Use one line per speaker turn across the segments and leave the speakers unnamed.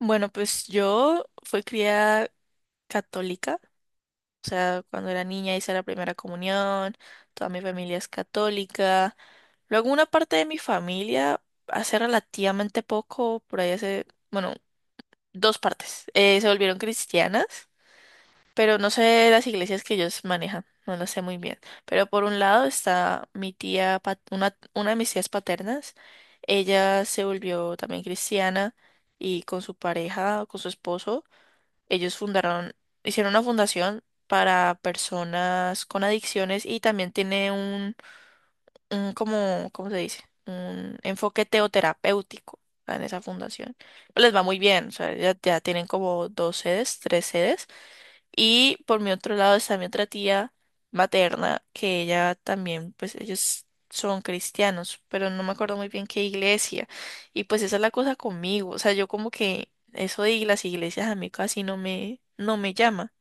Bueno, pues yo fui criada católica, o sea, cuando era niña hice la primera comunión, toda mi familia es católica. Luego una parte de mi familia, hace relativamente poco, por ahí hace, bueno, dos partes, se volvieron cristianas, pero no sé las iglesias que ellos manejan, no lo sé muy bien. Pero por un lado está mi tía, una de mis tías paternas, ella se volvió también cristiana y con su pareja, con su esposo. Ellos fundaron, hicieron una fundación para personas con adicciones y también tiene un como, ¿cómo se dice? Un enfoque teoterapéutico en esa fundación. Pues les va muy bien, o sea, ya tienen como dos sedes, tres sedes, y por mi otro lado está mi otra tía materna, que ella también, pues ellos son cristianos, pero no me acuerdo muy bien qué iglesia. Y pues esa es la cosa conmigo. O sea, yo como que eso de las iglesias a mí casi no me llama.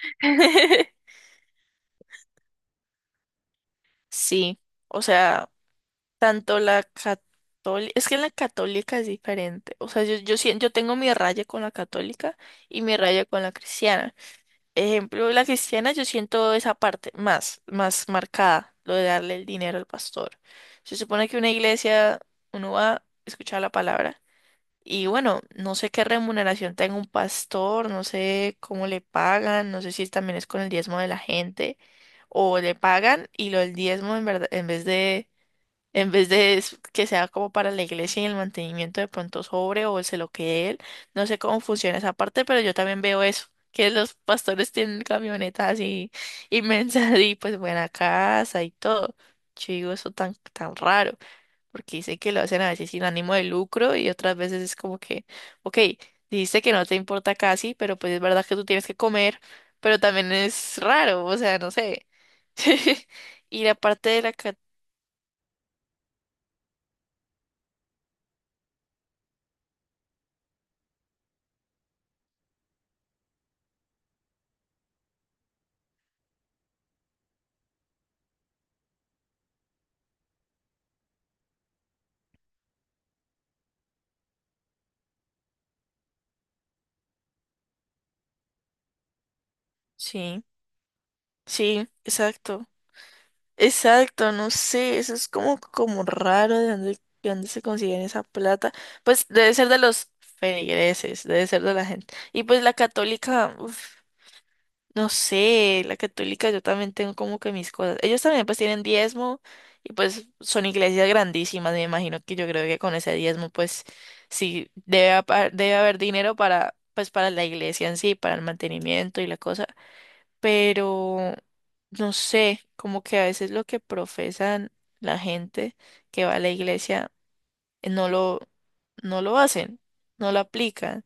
Sí, o sea, tanto la católica, es que la católica es diferente. O sea, yo tengo mi raya con la católica y mi raya con la cristiana. Ejemplo, la cristiana, yo siento esa parte más marcada, lo de darle el dinero al pastor. Se supone que una iglesia, uno va a escuchar la palabra y bueno, no sé qué remuneración tenga un pastor, no sé cómo le pagan, no sé si también es con el diezmo de la gente o le pagan y lo del diezmo en verdad, en vez de es- que sea como para la iglesia y el mantenimiento de pronto sobre o se lo quede él. No sé cómo funciona esa parte, pero yo también veo eso, que los pastores tienen camionetas así inmensas y pues buena casa y todo. Yo digo eso tan raro, porque dice que lo hacen a veces sin ánimo de lucro y otras veces es como que, ok, dijiste que no te importa casi, pero pues es verdad que tú tienes que comer, pero también es raro, o sea, no sé. Y la parte de la... ca- Sí. Sí, exacto. Exacto, no sé, eso es como, como raro de dónde se consiguen esa plata. Pues debe ser de los feligreses, debe ser de la gente. Y pues la católica, uf, no sé, la católica yo también tengo como que mis cosas. Ellos también pues tienen diezmo y pues son iglesias grandísimas, me imagino que yo creo que con ese diezmo pues sí debe, apa- debe haber dinero para pues para la iglesia en sí, para el mantenimiento y la cosa, pero no sé, como que a veces lo que profesan la gente que va a la iglesia eh, no lo, no lo hacen, no lo aplican.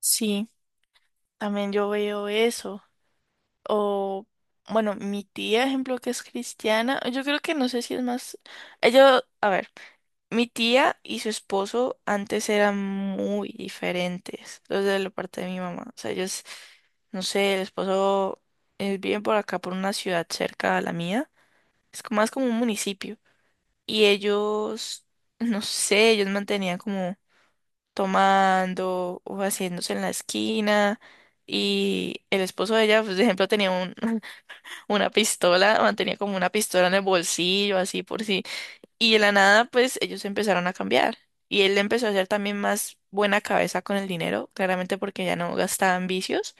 Sí, también yo veo eso. O, bueno, mi tía, ejemplo, que es cristiana, yo creo que no sé si es más, ella, a ver. Mi tía y su esposo antes eran muy diferentes, los de la parte de mi mamá. O sea, ellos, no sé, el esposo viven por acá, por una ciudad cerca a la mía. Es como- más como un municipio. Y ellos, no sé, ellos mantenían como tomando o haciéndose en la esquina. Y el esposo de ella, pues, por ejemplo, tenía un, una pistola, mantenía como una pistola en el bolsillo, así por si, y de la nada, pues ellos empezaron a cambiar. Y él empezó a ser también más buena cabeza con el dinero, claramente porque ya no gastaban vicios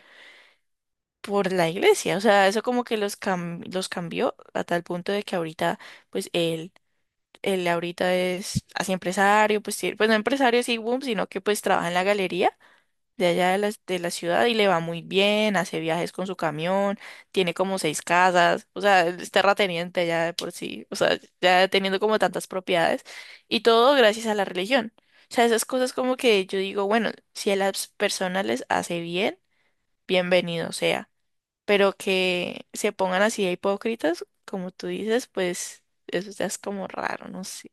por la iglesia. O sea, eso como que los cambió a tal punto de que ahorita, pues él ahorita es así empresario, pues, sí, pues no empresario así, boom, sino que pues trabaja en la galería de allá de la ciudad y le va muy bien, hace viajes con su camión, tiene como seis casas, o sea, es terrateniente ya de por sí, o sea, ya teniendo como tantas propiedades y todo gracias a la religión. O sea, esas cosas como que yo digo, bueno, si a las personas les hace bien, bienvenido sea, pero que se pongan así de hipócritas, como tú dices, pues eso ya es como raro, no sé.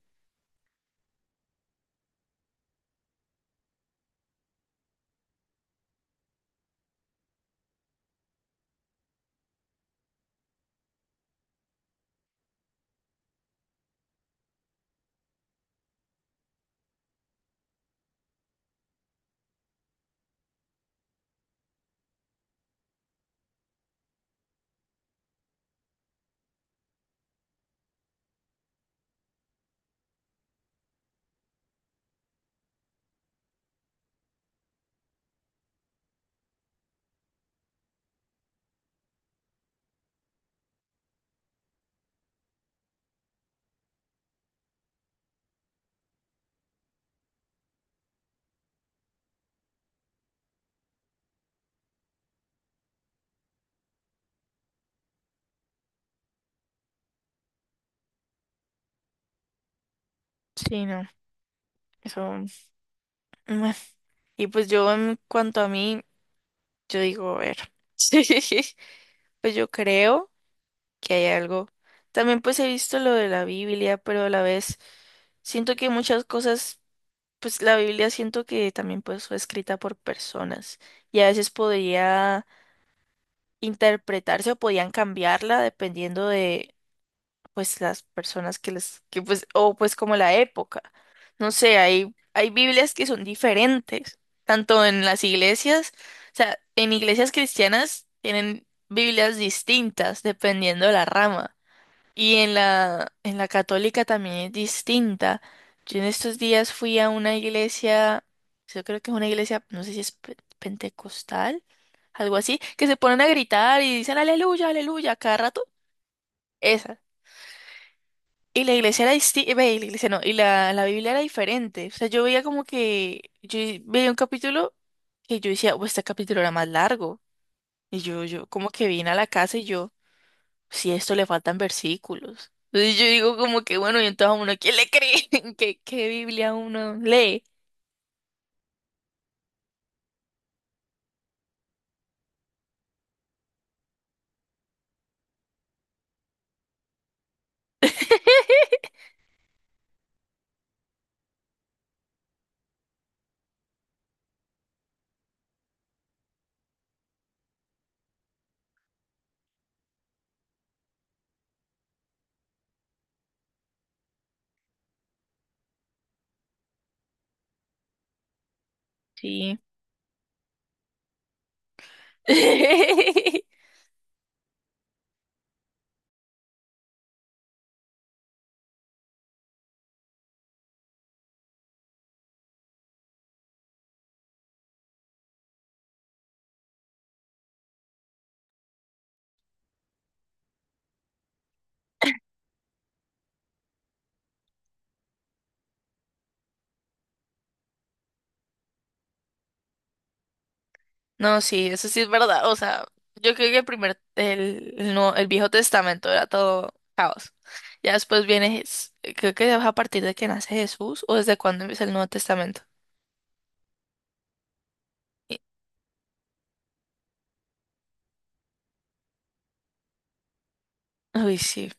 Sí, no, eso... bueno. Y pues yo en cuanto a mí... Yo digo, a ver, sí, pues yo creo que hay algo. También pues he visto lo de la Biblia, pero a la vez siento que muchas cosas, pues la Biblia siento que también pues fue escrita por personas y a veces podría interpretarse o podían cambiarla dependiendo pues las personas que les, que pues, o pues como la época. No sé, hay Biblias que son diferentes, tanto en las iglesias, o sea, en iglesias cristianas tienen Biblias distintas dependiendo de la rama. Y en la católica también es distinta. Yo en estos días fui a una iglesia, yo creo que es una iglesia, no sé si es pe- pentecostal, algo así, que se ponen a gritar y dicen aleluya, aleluya, cada rato. Esa. Y la iglesia era distinta, la iglesia no, y la Biblia era diferente. O sea, yo veía como que, yo veía un capítulo que yo decía, oh, este capítulo era más largo. Y yo como que vine a la casa y yo, si a esto le faltan versículos. Entonces yo digo como que, bueno, y entonces a uno, ¿quién le cree? ¿Qué, qué Biblia uno lee? Sí. No, sí, eso sí es verdad. O sea, yo creo que el primer, el, Nuevo- el Viejo Testamento era todo caos. Ya después viene, Jes- creo que es a partir de que nace Jesús o desde cuándo empieza el Nuevo Testamento. Y- Uy, sí.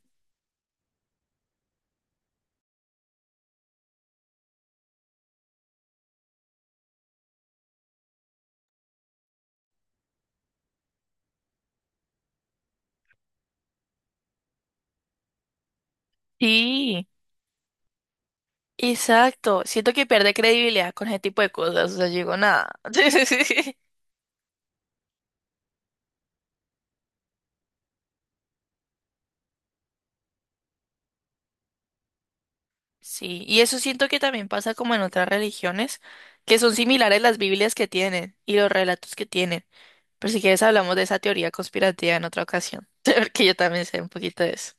Sí, exacto. Siento que pierde credibilidad con ese tipo de cosas. O sea, yo digo nada. Sí, y eso siento que también pasa como en otras religiones, que son similares las Biblias que tienen y los relatos que tienen. Pero si quieres hablamos de esa teoría conspirativa en otra ocasión, porque yo también sé un poquito de eso.